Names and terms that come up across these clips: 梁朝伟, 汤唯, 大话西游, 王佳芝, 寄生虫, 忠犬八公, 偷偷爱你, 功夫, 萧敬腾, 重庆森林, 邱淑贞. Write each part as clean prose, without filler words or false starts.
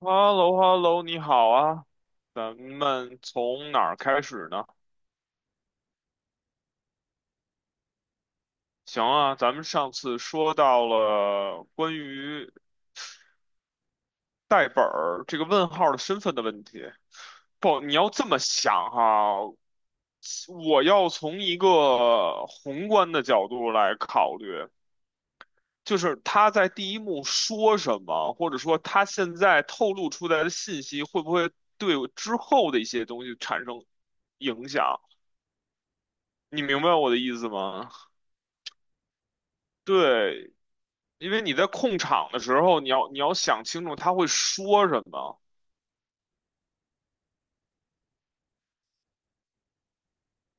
h e l l o h e l l o 你好啊，咱们从哪儿开始呢？行啊，咱们上次说到了关于代本儿这个问号的身份的问题。不，你要这么想哈，我要从一个宏观的角度来考虑，就是他在第一幕说什么，或者说他现在透露出来的信息会不会对我之后的一些东西产生影响？你明白我的意思吗？对，因为你在控场的时候，你要想清楚他会说什么。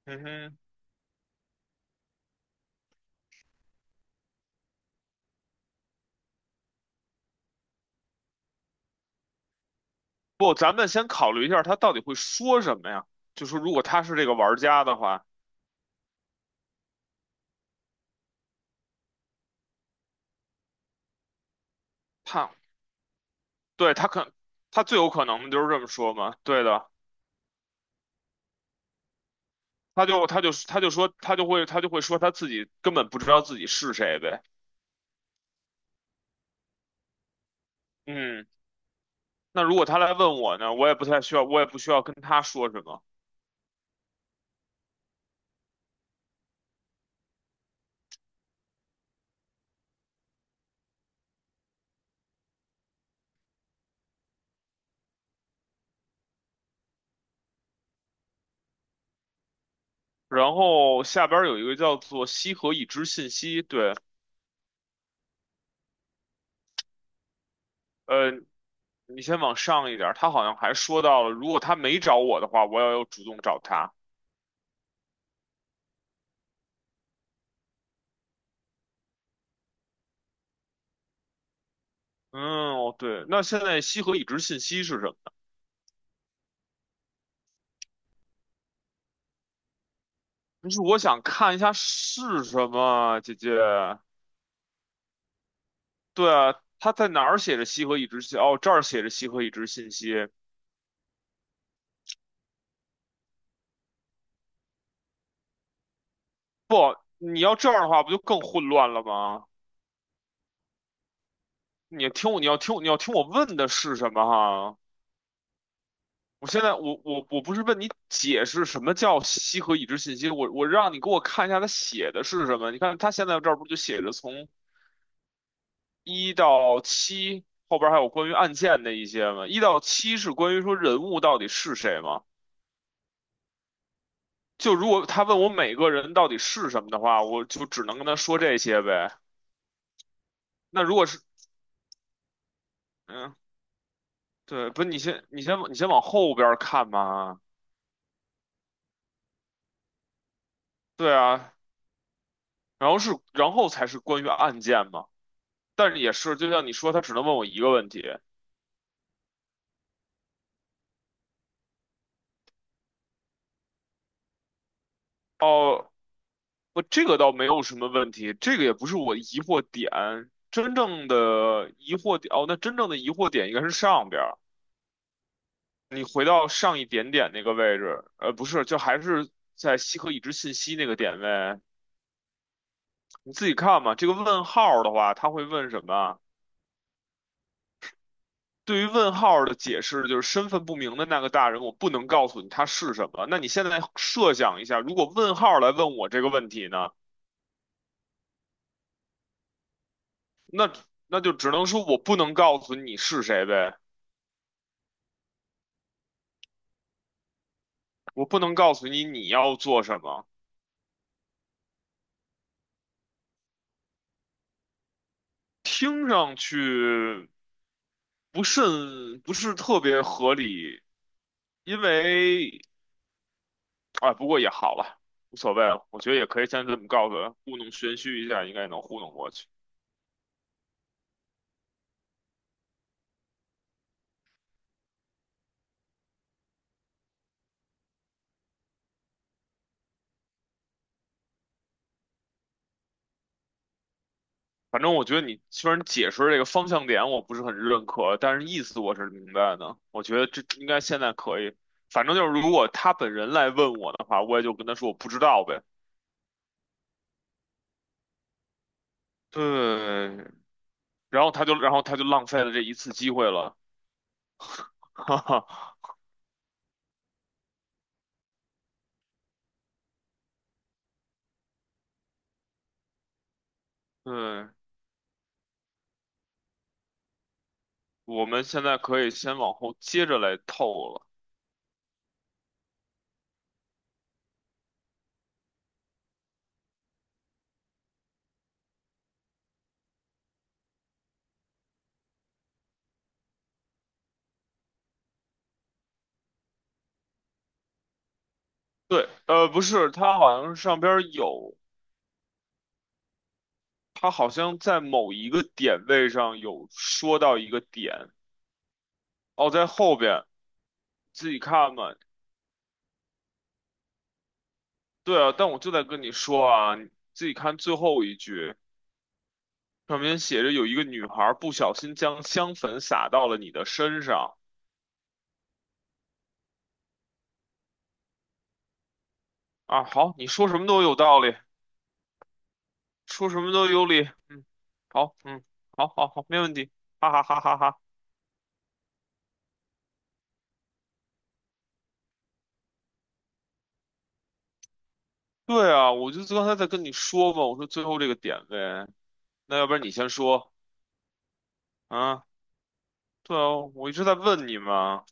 嗯哼，不，咱们先考虑一下他到底会说什么呀？就是如果他是这个玩家的话，他对他可他最有可能就是这么说嘛。对的，他就会说他自己根本不知道自己是谁呗。嗯，那如果他来问我呢，我也不需要跟他说什么。然后下边儿有一个叫做"西河已知信息"，对，呃，你先往上一点儿，他好像还说到了，如果他没找我的话，我要有主动找他。嗯，哦，对，那现在西河已知信息是什么呢？就是我想看一下是什么，姐姐。对啊，他在哪儿写着西河已知信？哦，这儿写着西河已知信息。不，你要这样的话，不就更混乱了吗？你听我，你要听我问的是什么哈？我现在我我我不是问你解释什么叫西和已知信息，我让你给我看一下他写的是什么。你看他现在这儿不就写着从一到七后边还有关于案件的一些吗？一到七是关于说人物到底是谁吗？就如果他问我每个人到底是什么的话，我就只能跟他说这些呗。那如果是嗯，对，不，是你先往后边儿看嘛。对啊，然后才是关于案件嘛。但是也是，就像你说，他只能问我一个问题。哦，不，这个倒没有什么问题，这个也不是我疑惑点。哦，那真正的疑惑点应该是上边儿，你回到上一点点那个位置，呃，不是，就还是在西河已知信息那个点位，你自己看嘛。这个问号的话，他会问什么？对于问号的解释就是身份不明的那个大人，我不能告诉你他是什么。那你现在设想一下，如果问号来问我这个问题呢，那就只能说我不能告诉你是谁呗。我不能告诉你你要做什么，听上去不是特别合理，因为啊，不过也好了，无所谓了，我觉得也可以先这么告诉他，糊弄玄虚一下，应该能糊弄过去。反正我觉得你虽然解释这个方向点我不是很认可，但是意思我是明白的。我觉得这应该现在可以。反正就是如果他本人来问我的话，我也就跟他说我不知道呗。对，然后他就浪费了这一次机会了，哈哈。对，我们现在可以先往后接着来透了。对，呃，不是，它好像是上边儿有，它好像在某一个点位上有说到一个点，哦，在后边自己看吧。对啊，但我就在跟你说啊，你自己看最后一句，上面写着有一个女孩不小心将香粉洒到了你的身上啊。好，你说什么都有道理，说什么都有理。嗯，好，嗯，好好好，没问题，哈哈哈哈哈。对啊，我就刚才在跟你说嘛，我说最后这个点位，那要不然你先说啊？对啊，我一直在问你嘛。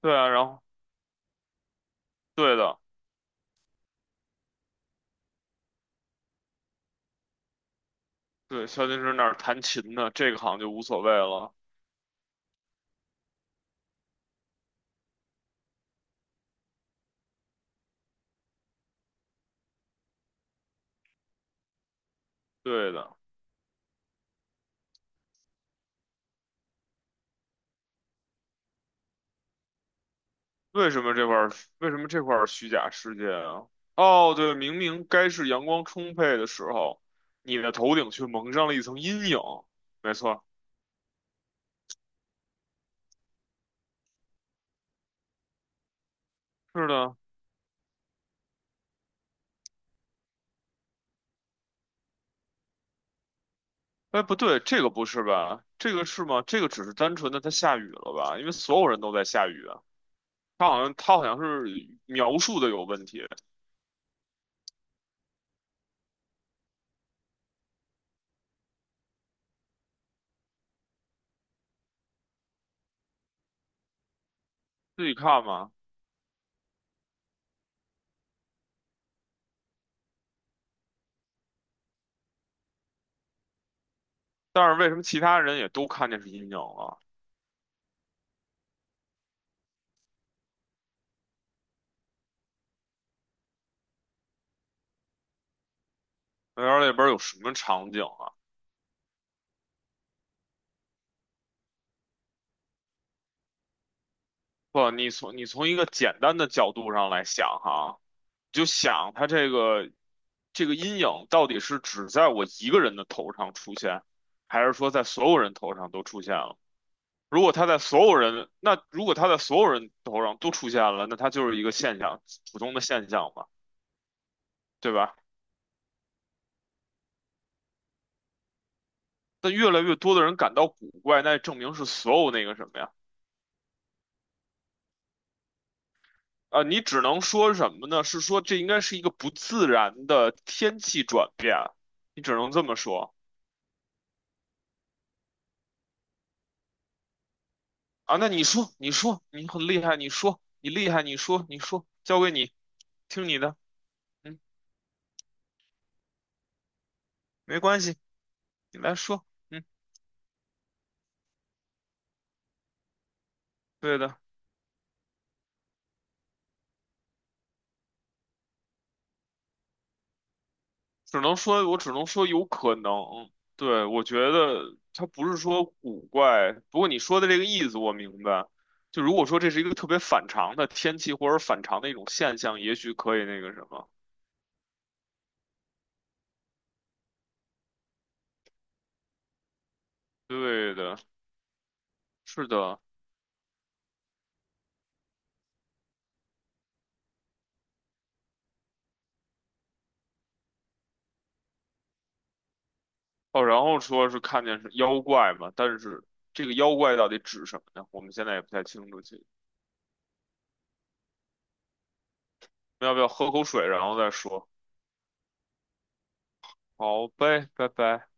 对啊，然后对的，对，萧敬腾那儿弹琴呢，这个好像就无所谓了。对的，为什么这块儿为什么这块儿虚假世界啊？哦，对，明明该是阳光充沛的时候，你的头顶却蒙上了一层阴影。没错，是的。哎，不对，这个不是吧？这个是吗？这个只是单纯的它下雨了吧？因为所有人都在下雨。他好像是描述的有问题，自己看吧。但是为什么其他人也都看见是阴影了？那边有什么场景啊？不，你从一个简单的角度上来想哈，你就想他这个阴影到底是只在我一个人的头上出现，还是说在所有人头上都出现了？如果他在所有人，那如果他在所有人头上都出现了，那他就是一个现象，普通的现象嘛，对吧？但越来越多的人感到古怪，那证明是所有那个什么呀？啊、你只能说什么呢？是说这应该是一个不自然的天气转变啊，你只能这么说啊。那你说，你说，你很厉害，你说，你厉害，你说，你说，交给你，听你的，嗯，没关系，你来说，嗯，对的。只能说，我只能说有可能。对，我觉得它不是说古怪，不过你说的这个意思我明白。就如果说这是一个特别反常的天气或者反常的一种现象，也许可以那个什么。对的，是的。哦，然后说是看见是妖怪嘛，但是这个妖怪到底指什么呢？我们现在也不太清楚。其实要不要喝口水，然后再说？好呗，拜拜。